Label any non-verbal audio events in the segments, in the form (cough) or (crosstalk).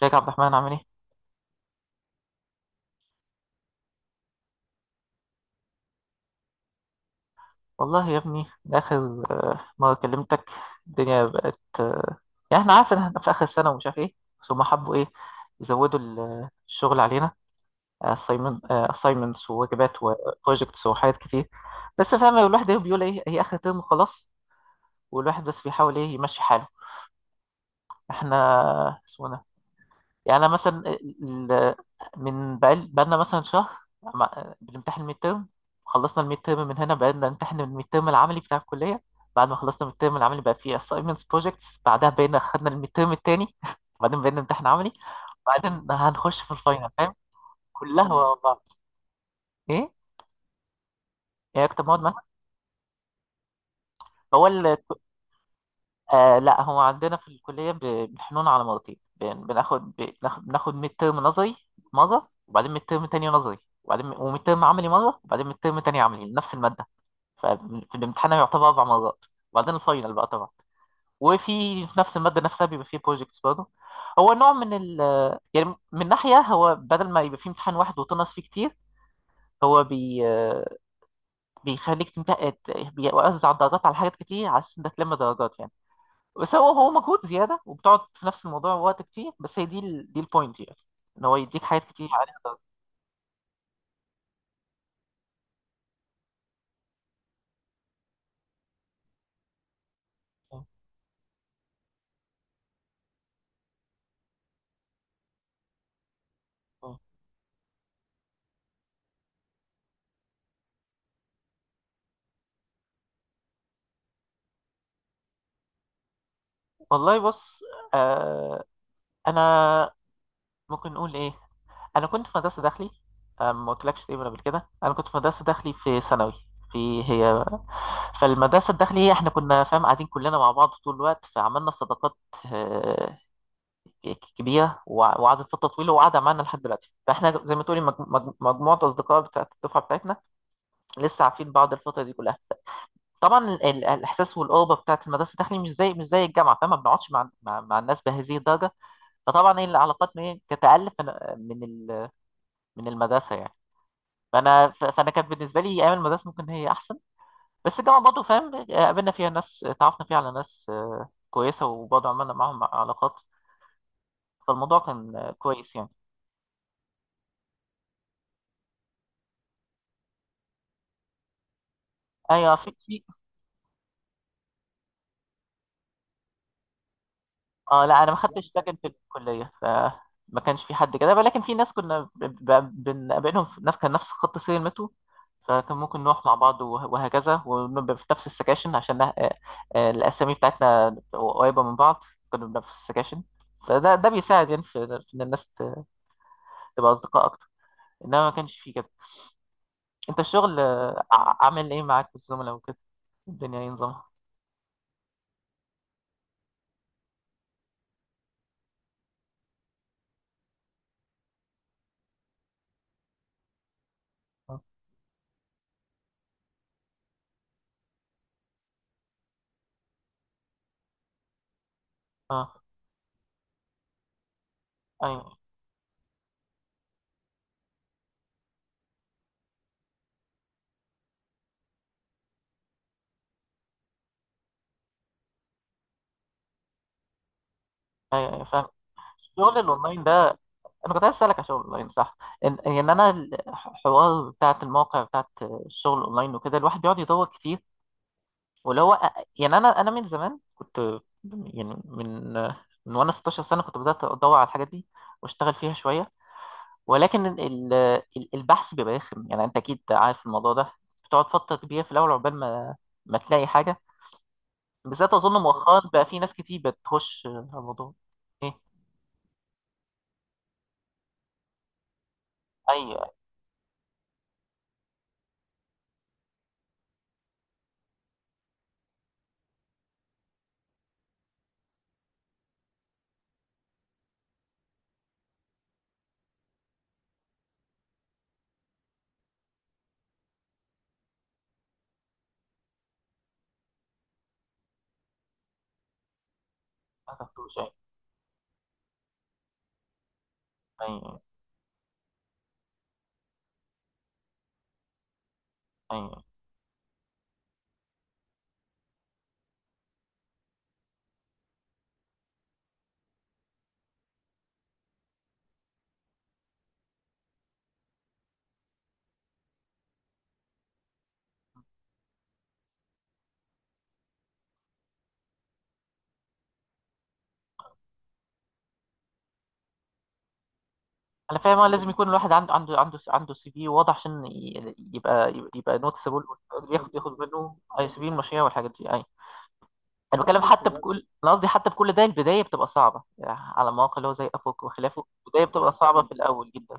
ازيك يا عبد الرحمن عامل ايه؟ والله يا ابني من آخر مرة كلمتك الدنيا بقت. يعني احنا عارف ان احنا في آخر السنة ومش عارف ايه، بس هما حبوا ايه يزودوا الشغل علينا. assignments وواجبات وبروجكتس وحاجات كتير. بس فاهم الواحد ايه بيقول، ايه هي آخر ترم خلاص، والواحد بس بيحاول ايه يمشي حاله احنا. يعني أنا مثلا من بقالنا مثلا شهر بنمتحن الميد ترم. خلصنا الميد ترم من هنا بقينا نمتحن الميد ترم العملي بتاع الكلية. بعد ما خلصنا الميد ترم العملي بقى فيه assignments projects، بعدها بقينا خدنا الميد ترم التاني (laughs) بعدين بقينا نمتحن عملي، بعدين هنخش في الفاينل فاهم. كلها ورا بعض. ايه، ايه اكتر مواد معاك. هو لا، هو عندنا في الكلية بنحنون على مرتين، بناخد ميد ترم نظري مرة وبعدين ميد ترم تاني نظري، وبعدين وميد ترم عملي مرة وبعدين ميد ترم تاني عملي نفس المادة. ففي الامتحان يعتبر 4 مرات، وبعدين الفاينل بقى طبعا. وفي في نفس المادة نفسها بيبقى فيه بروجكتس برضه. هو نوع من ال يعني من ناحية، هو بدل ما يبقى فيه امتحان واحد وتنقص فيه كتير، هو بي آه، بيخليك تمتحن، بيوزع الدرجات على حاجات كتير على أساس إنك تلم درجات يعني. بس هو مجهود زياده وبتقعد في نفس الموضوع وقت كتير، بس هي دي دي البوينت يعني، ان هو يديك حاجات كتير عليها. والله بص، آه انا ممكن نقول ايه، انا كنت في مدرسه داخلي. ما قلتلكش تقريبا قبل كده، انا كنت في مدرسه داخلي في ثانوي. في هي فالمدرسه الداخلي احنا كنا فاهم قاعدين كلنا مع بعض طول الوقت فعملنا صداقات آه كبيره، وقعدت فتره طويله وقاعده معانا لحد دلوقتي. فاحنا زي ما تقولي مجموعه اصدقاء بتاعت الدفعه بتاعتنا، لسه عارفين بعض الفتره دي كلها. طبعا الاحساس والقربه بتاعت المدرسه الداخلي مش زي مش زي الجامعه، فما بنقعدش مع مع الناس بهذه الدرجه. فطبعا ايه العلاقات تتالف من من ال- من المدرسه يعني. فانا كانت بالنسبه لي ايام المدرسه ممكن هي احسن، بس الجامعه برضه فاهم قابلنا فيها ناس، تعرفنا فيها على ناس كويسه وبرضه عملنا معاهم علاقات، فالموضوع كان كويس يعني. ايوه، في في. اه لا، انا ما خدتش سكن في الكليه، ف ما كانش في حد كده، ولكن في ناس كنا بنقابلهم في نفس كان نفس خط سير المترو، فكان ممكن نروح مع بعض وهكذا، ونبقى في نفس السكاشن عشان الاسامي بتاعتنا قريبه من بعض، كنا بنبقى في السكاشن. فده بيساعد يعني في في ان الناس تبقى اصدقاء اكتر، انما ما كانش فيه كده. انت الشغل عامل ايه معاك والزملاء وكده، الدنيا ايه نظامها؟ اه. آه، ايوه. ايوه أيوة، فاهم. الشغل الاونلاين ده انا كنت عايز اسالك عشان اونلاين صح، ان يعني انا الحوار بتاعت المواقع بتاعت الشغل اونلاين وكده، الواحد بيقعد يدور كتير. واللي هو يعني انا من زمان كنت، يعني من وانا 16 سنة سنه كنت بدات ادور على الحاجات دي واشتغل فيها شويه. ولكن البحث بيبقى رخم، يعني انت اكيد عارف الموضوع ده، بتقعد فتره كبيره في الاول عقبال ما تلاقي حاجه، بالذات اظن مؤخرا بقى في ناس كتير بتخش على الموضوع. ايه. ايوه، ما شفتوش. أيوة. أيوة. انا فاهم، اه لازم يكون الواحد عنده سي في واضح عشان يبقى نوتسبل، ياخد منه اي. سي في المشاريع والحاجات دي اي. انا بتكلم حتى بكل، انا قصدي حتى بكل ده البدايه بتبقى صعبه يعني، على مواقع اللي هو زي ابوك وخلافه البدايه بتبقى صعبه في الاول جدا.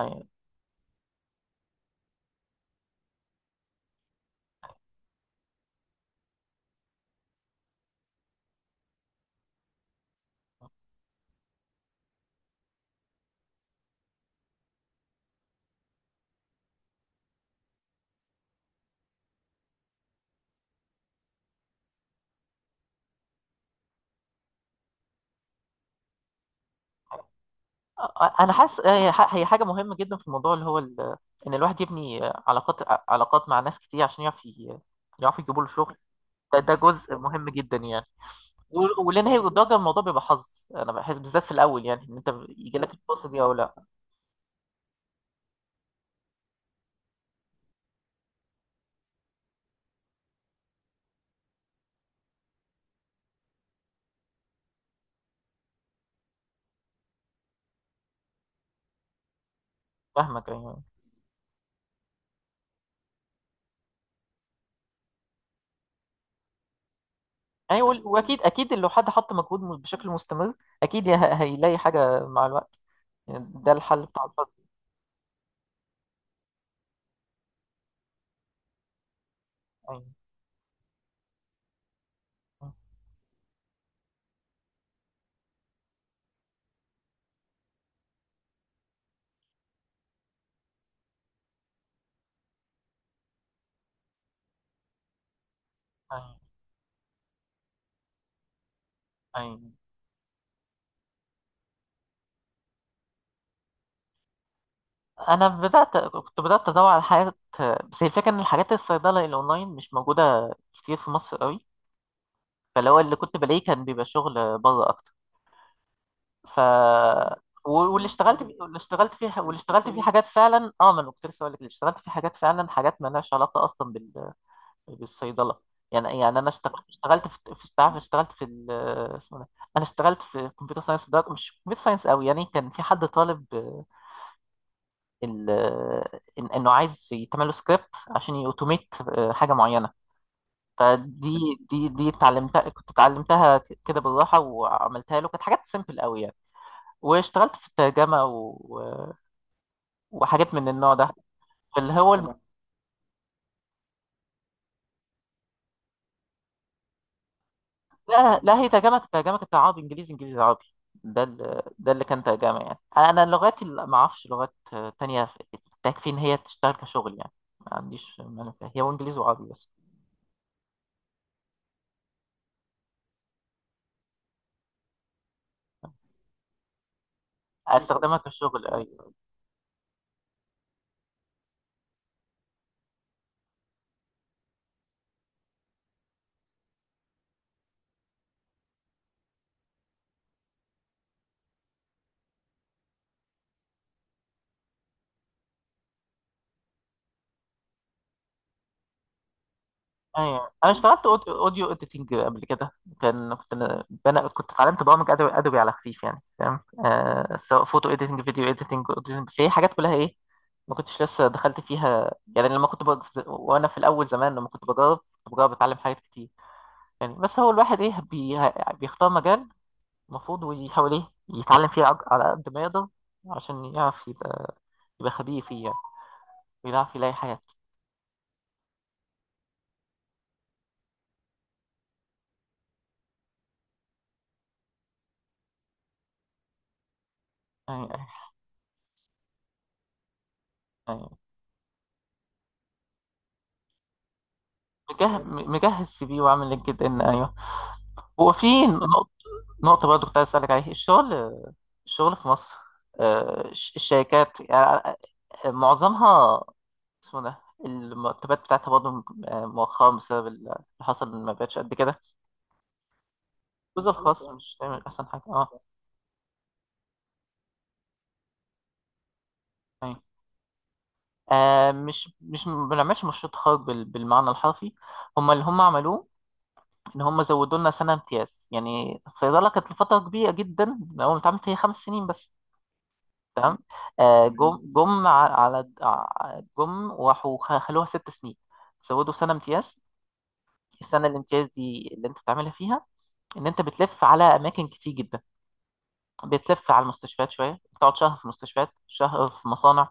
أي. انا حاسس هي حاجه مهمه جدا في الموضوع اللي هو ان الواحد يبني علاقات، علاقات مع ناس كتير عشان يعرف يعرف يجيبوا له شغل. ده جزء مهم جدا يعني. واللي نهي الدرجه الموضوع بيبقى حظ، انا بحس بالذات في الاول يعني ان انت يجي لك الفرصه دي او لا. فاهمك ايوه. ايوه، واكيد لو حد حط مجهود بشكل مستمر اكيد هيلاقي حاجه مع الوقت، يعني ده الحل بتاع الفرد. ايوه. ايوه. ايوه. انا كنت بدات ادور على حاجات، بس هي الفكره ان الحاجات الصيدله الاونلاين مش موجوده كتير في مصر قوي، فاللي هو اللي كنت بلاقيه كان بيبقى شغل بره اكتر، ف واللي اشتغلت فيه واللي اشتغلت فيه واللي اشتغلت فيه حاجات فعلا، اه ما انا كنت لسه هقول لك، اللي اشتغلت فيه حاجات فعلا حاجات ما لهاش علاقه اصلا بالصيدله. يعني انا اشتغلت في في تعرف، اشتغلت في اسمه إيه ده، انا اشتغلت في كمبيوتر ساينس بدرجه مش كمبيوتر ساينس قوي يعني. كان في حد طالب انه عايز يتعمل له سكريبت عشان يوتوميت حاجه معينه. فدي دي دي اتعلمتها، كنت اتعلمتها كده بالراحه وعملتها له، كانت حاجات سيمبل قوي يعني. واشتغلت في الترجمة و... وحاجات من النوع ده، اللي هو الم... تمام، لا لا، هي ترجمة، ترجمة كانت عربي إنجليزي إنجليزي عربي، ده ال... ده اللي كان ترجمة يعني. أنا اللغات اللي ما أعرفش لغات تانية تكفي إن هي تشتغل كشغل يعني، ما عنديش مانع فيها، هي وإنجليزي وعربي بس. بالظبط أستخدمها كشغل أيوة. ايوه، انا اشتغلت اوديو اديتنج قبل كده، كان كنت انا كنت اتعلمت برامج ادوبي على خفيف يعني فاهم، آه سواء فوتو اديتنج فيديو اديتنج اديتنج، بس هي حاجات كلها ايه ما كنتش لسه دخلت فيها يعني. لما كنت وانا في الاول زمان لما كنت بجرب كنت بجرب اتعلم حاجات كتير يعني. بس هو الواحد ايه بيختار مجال المفروض ويحاول ايه يتعلم فيه على قد ما يقدر عشان يعرف يبقى، خبير فيه يعني، ويعرف يلاقي حاجات. أيوة. أيوة. أيوة. مجهز، مجهز سي في وعامل لينكد ان ايوه. هو في نقطة، نقطة برضه كنت عايز أسألك عليها. الشغل، الشغل في مصر الشركات يعني، معظمها اسمه ده، المرتبات بتاعتها برضه مؤخرا بسبب اللي حصل ما بقتش قد كده. الجزء الخاص مش دايما أحسن حاجة اه. أيوة. مش ما بنعملش مشروع تخرج بالمعنى الحرفي. هما اللي هما عملوه، إن هما زودوا لنا سنة امتياز. يعني الصيدلة كانت لفترة كبيرة جدا من أول ما اتعملت هي 5 سنين بس. تمام. آه، جم جم ع- على ع- جم وراحوا خلوها 6 سنين. زودوا سنة امتياز. السنة الامتياز دي اللي انت بتعملها فيها ان انت بتلف على اماكن كتير جدا، بتلف على المستشفيات شوية، بتقعد شهر في مستشفيات، شهر في مصانع،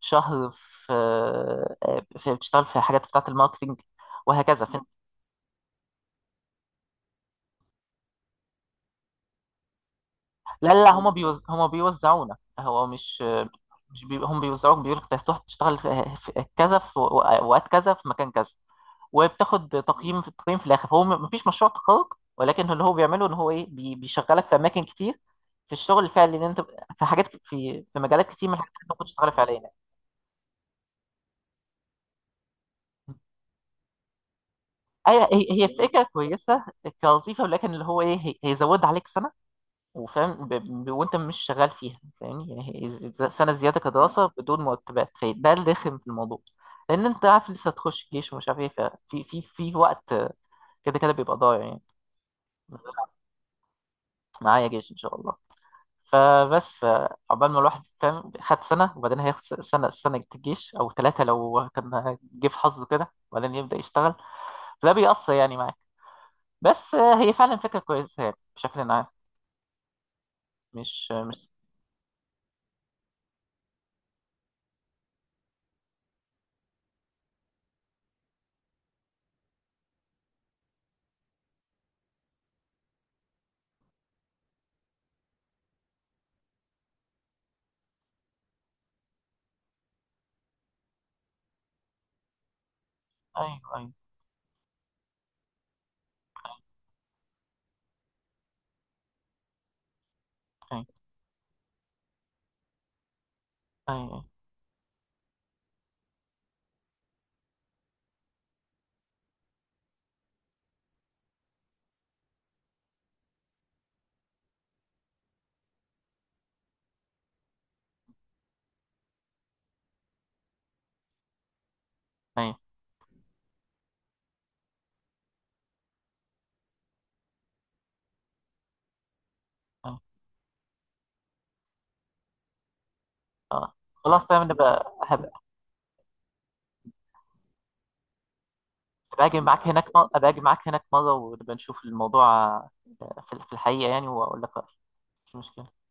شهر في, بتشتغل في حاجات بتاعة الماركتينج وهكذا في. لا لا لا، هما هما بيوزعونا، هو مش، هم بيوزعوك، بيقولك انت هتروح تشتغل في... في كذا في وقت كذا في مكان كذا، وبتاخد تقييم في التقييم في الاخر. هو مفيش مشروع تخرج، ولكن اللي هو بيعمله ان هو ايه بيشغلك في اماكن كتير في الشغل الفعلي ان انت في حاجات في في مجالات كتير من الحاجات اللي انت ممكن تشتغل فعليا. ايوه، هي فكره كويسه كلطيفه، ولكن اللي هو ايه هيزودها عليك سنه وفاهم وانت مش شغال فيها فاهمني، يعني هي سنه زياده كدراسه بدون مرتبات، فده اللي رخم في الموضوع. لان انت عارف لسه هتخش جيش ومش عارف ايه، ففي في وقت كده كده بيبقى ضايع يعني. معايا جيش ان شاء الله. فبس فعقبال ما الواحد فاهم خد سنه وبعدين هياخد سنه الجيش او ثلاثه لو كان جه في حظه كده، وبعدين يبدا يشتغل، فده بيأثر يعني معاك. بس هي فعلا فكره كويسه يعني بشكل عام، مش مش ايوه. ايوه. ايوه. ايوه. ايوه. أيوه. اه خلاص تمام نبقى هبقى اجي معاك هناك مرة ونبقى نشوف الموضوع، في في الحقيقة يعني واقول لك رأيي، مش مشكلة.